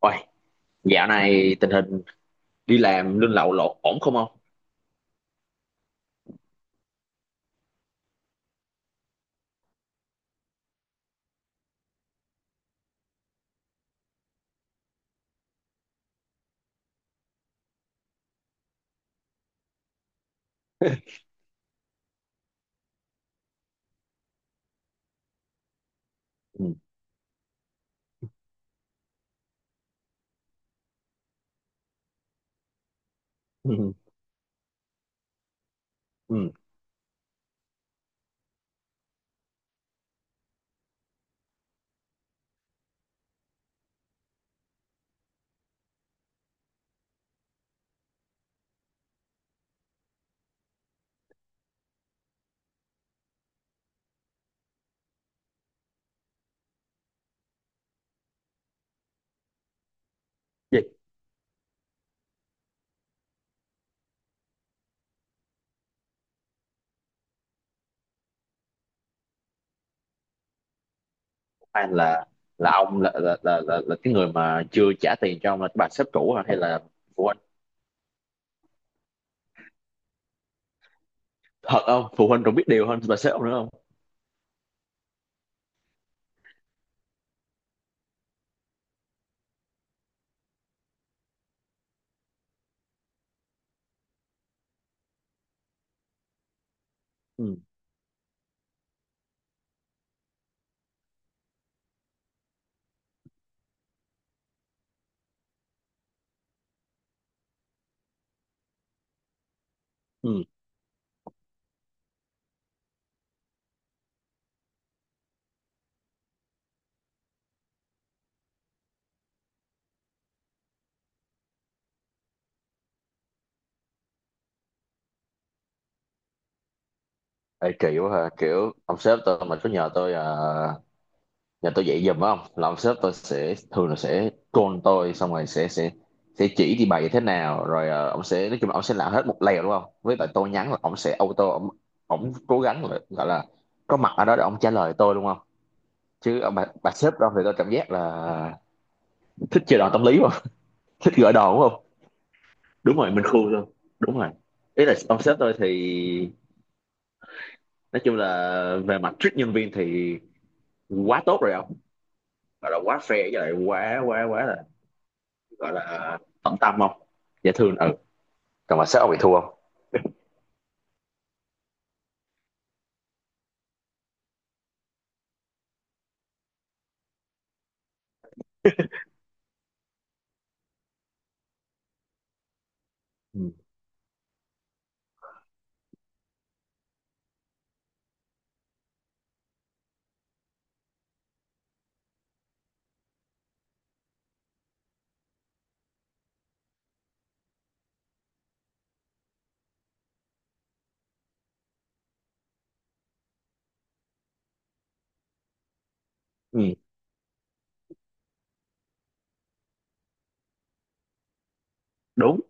Ôi, dạo này tình hình đi làm lương lậu lộn ổn không ông? Ừ. Ừ. Ừ. Vậy, hay là ông là cái người mà chưa trả tiền cho ông là cái bà sếp cũ hả? Hay là phụ huynh? Thật không? Phụ huynh còn biết điều hơn bà sếp ông nữa không? Ừ. Ừ. Ê, kỳ quá ha, kiểu ông sếp tôi mà cứ nhờ tôi à, giờ tôi dạy giùm phải không, là ông sếp tôi sẽ thường là sẽ call tôi, xong rồi sẽ chỉ đi bài như thế nào, rồi ông sẽ nói chung là ông sẽ làm hết một lèo đúng không, với lại tôi nhắn là ông sẽ auto ông cố gắng là gọi là có mặt ở đó để ông trả lời tôi đúng không. Chứ bà sếp đó thì tôi cảm giác là thích chơi đòn tâm lý không thích gửi đòn đúng không. Đúng rồi, mình khôn luôn. Đúng rồi. Ý là ông sếp tôi thì nói chung là về mặt treat nhân viên thì quá tốt rồi không, gọi là quá fair, với lại quá quá quá là gọi là tận tâm không, dễ thương, ừ. Còn mà sếp ông bị thua không. Ừ. Ừ. Đúng.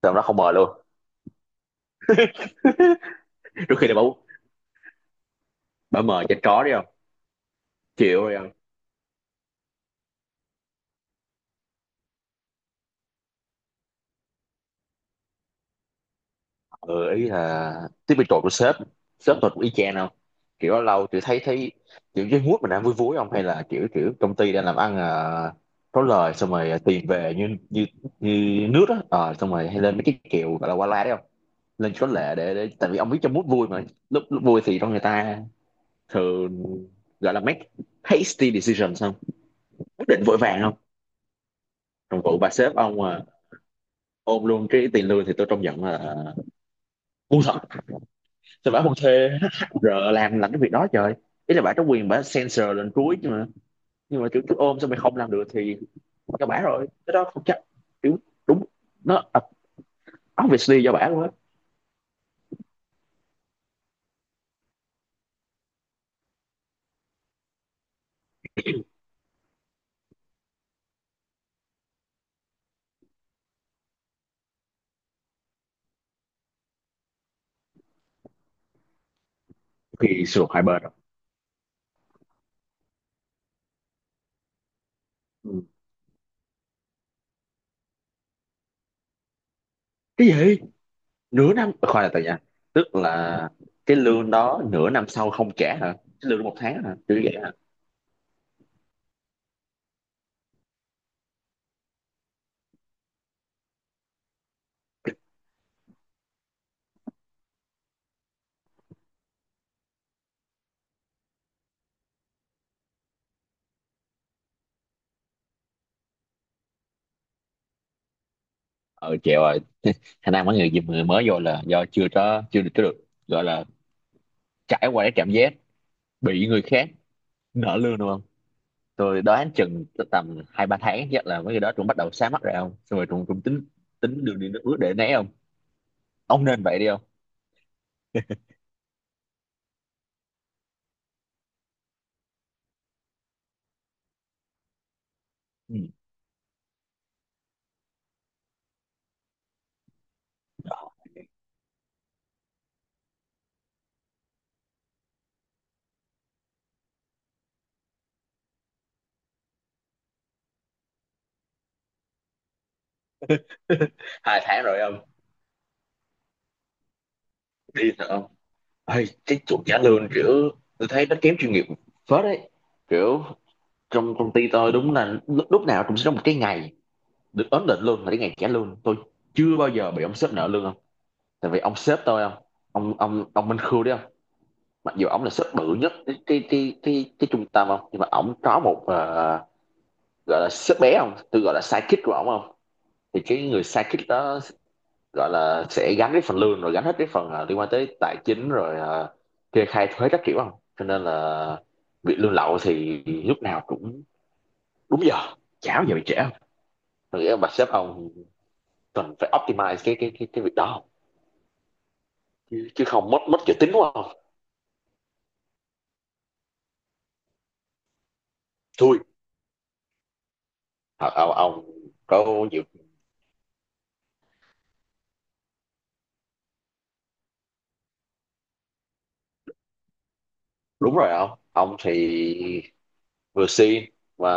Tụi đó không mời luôn. Đôi khi là bảo bảo mời cho chó đi không. Chịu rồi không. Ừ, ý là tiếp bị trội của sếp sếp tôi cũng y chang không. Kiểu lâu lâu chị thấy thấy kiểu dưới mút mình đang vui vui không, hay là kiểu kiểu công ty đang làm ăn à, có lời, xong rồi tiền về như như như nước á. Ờ, Xong rồi hay lên mấy cái kiểu gọi là qua la đấy không, lên có lệ để tại vì ông biết trong mút vui mà. Lúc vui thì trong người ta thường gọi là make hasty decisions không, quyết định vội vàng không. Trong vụ bà sếp ông à, ôm luôn cái tiền lương thì tôi trông giận là ngu thật. Sao bà không thuê HR làm cái việc đó trời. Ý là bà có quyền bà censor lên cuối chứ mà, nhưng mà kiểu cứ ôm sao mày không làm được thì cho bả rồi cái đó không chắc, kiểu, đúng, nó obviously do bả luôn á. Thì xung hai bên rồi. Ừ. Cái gì? Nửa năm? Ờ, Khoan, là tại nha, tức là cái lương đó nửa năm sau không trả hả? Cái lương một tháng hả, kiểu vậy hả? Ờ Chèo rồi, khả năng mấy người người mới vô là do chưa có chưa được có được gọi là trải qua cái cảm giác bị người khác nợ lương đúng không. Tôi đoán chừng tầm 2-3 tháng chắc là mấy người đó cũng bắt đầu sáng mắt rồi không, xong rồi cũng cũng tính, tính đường đi nước bước để né không. Ông nên vậy đi không. Ừ. 2 tháng rồi không. Đi thật không. Ê, cái chuột trả lương kiểu tôi thấy nó kém chuyên nghiệp phết đấy, kiểu trong công ty tôi đúng là lúc nào cũng sẽ có một cái ngày được ấn định luôn là cái ngày trả lương. Tôi chưa bao giờ bị ông sếp nợ lương, tại vì ông sếp tôi không, ông Minh Khương đấy không, mặc dù ông là sếp bự nhất cái trung tâm không, nhưng mà ông có một gọi là sếp bé không, tôi gọi là sidekick của ông không, thì cái người sidekick đó gọi là sẽ gánh cái phần lương rồi gánh hết cái phần liên quan tới tài chính, rồi kê khai thuế các kiểu không, cho nên là bị lương lậu thì lúc nào cũng đúng giờ, chả bao giờ bị trễ không. Tôi nghĩ là bà sếp ông cần phải optimize cái việc đó không? Chứ, chứ không mất mất chữ tín quá không. Thua. Ờ, ông có nhiều. Đúng rồi, ông thì vừa xin mà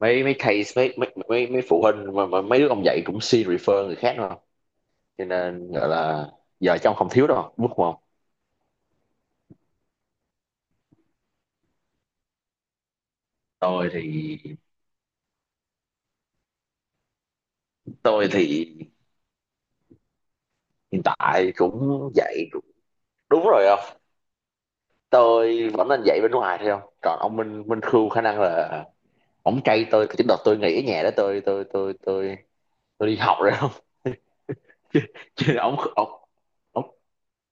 mấy mấy case mấy phụ huynh mà mấy đứa ông dạy cũng xin refer người khác đúng không, cho nên gọi là giờ trong không thiếu đâu đúng không. Tôi thì tôi thì hiện tại cũng dạy cũng- đúng rồi không, tôi vẫn nên dạy bên ngoài thôi không. Còn ông Minh Minh Khương khả năng là ổng cay tôi cái đợt tôi nghỉ ở nhà đó, tôi tôi đi học rồi không. Chứ ông, ông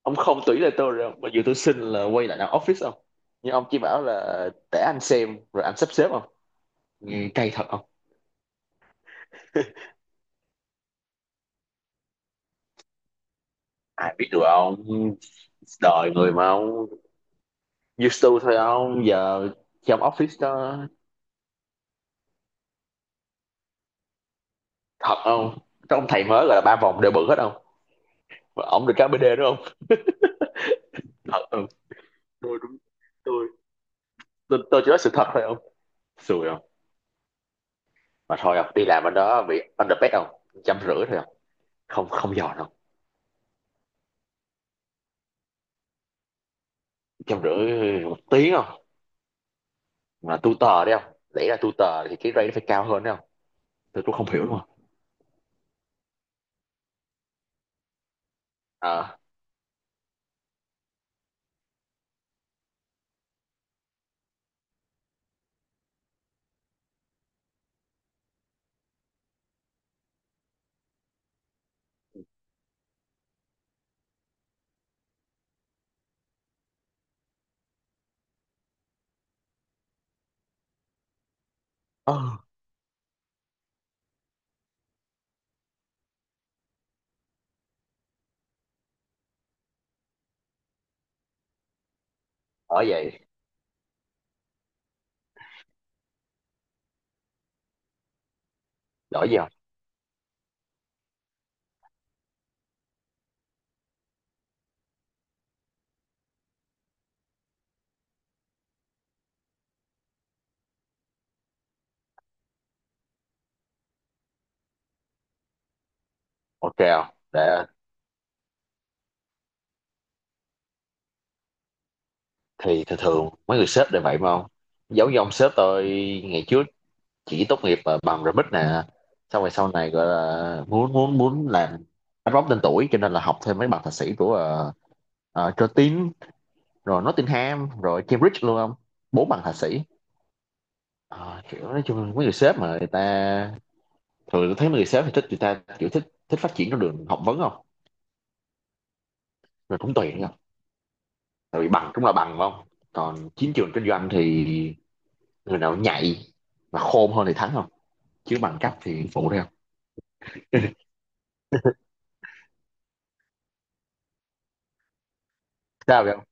ông không tủy là tôi rồi, mặc dù tôi xin là quay lại làm office ông, nhưng ông chỉ bảo là để anh xem rồi anh sắp xếp không, nghe cay thật không. Ai biết được ông, đời người mà ông. Used to thôi ông, giờ trong office đó, thật không, trong thầy mới là ba vòng đều bự hết không, và ông được cái BĐ đúng không, thật, ừ. Tôi đúng, tôi tôi chỉ nói sự thật thôi ông. Xui không, mà thôi không, đi làm ở đó bị underpaid không, 150 thôi không, không giòn không. 150 một tiếng không, là tutor đấy không lẽ là tutor thì cái rate nó phải cao hơn đấy không. Tôi cũng không hiểu luôn. À, ờ đổi vậy, đổi gì không, ok không để. Thì thường thường mấy người sếp đều vậy mà không, giống như ông sếp tôi ngày trước chỉ tốt nghiệp bằng remix nè, xong rồi sau này gọi là muốn muốn muốn làm anh bóng tên tuổi cho nên là học thêm mấy bằng thạc sĩ của Curtin rồi Nottingham rồi Cambridge luôn không, 4 bằng thạc sĩ. Ờ, kiểu nói chung mấy người sếp mà người ta thường tôi thấy mấy người sếp thì thích người ta kiểu thích thích phát triển con đường học vấn không, rồi cũng tùy nữa không, tại vì bằng cũng là bằng phải không, còn chiến trường kinh doanh thì người nào nhạy và khôn hơn thì thắng không, chứ bằng cấp thì phụ thôi không. Sao vậy không?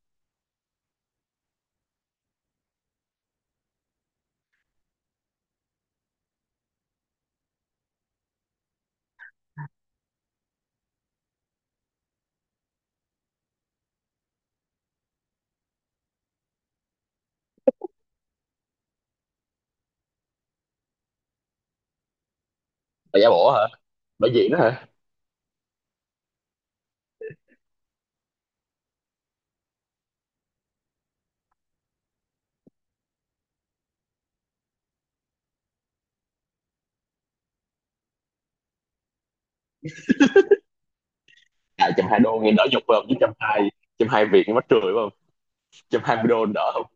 Là giả bộ hả? Bởi vì đó hả? À, 120 đô nghe đỡ nhục phải không, chứ 120, 120 Việt nghe mắc cười phải không. 120 đô đỡ không.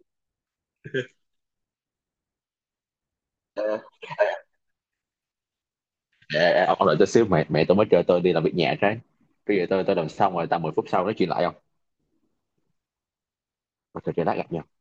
Ê, ê, ông đợi tôi xíu, mẹ mẹ tôi mới kêu tôi đi làm việc nhà trái, bây giờ tôi làm xong rồi tầm 10 phút sau nói chuyện lại không. Rồi, trời trời đã gặp nhau.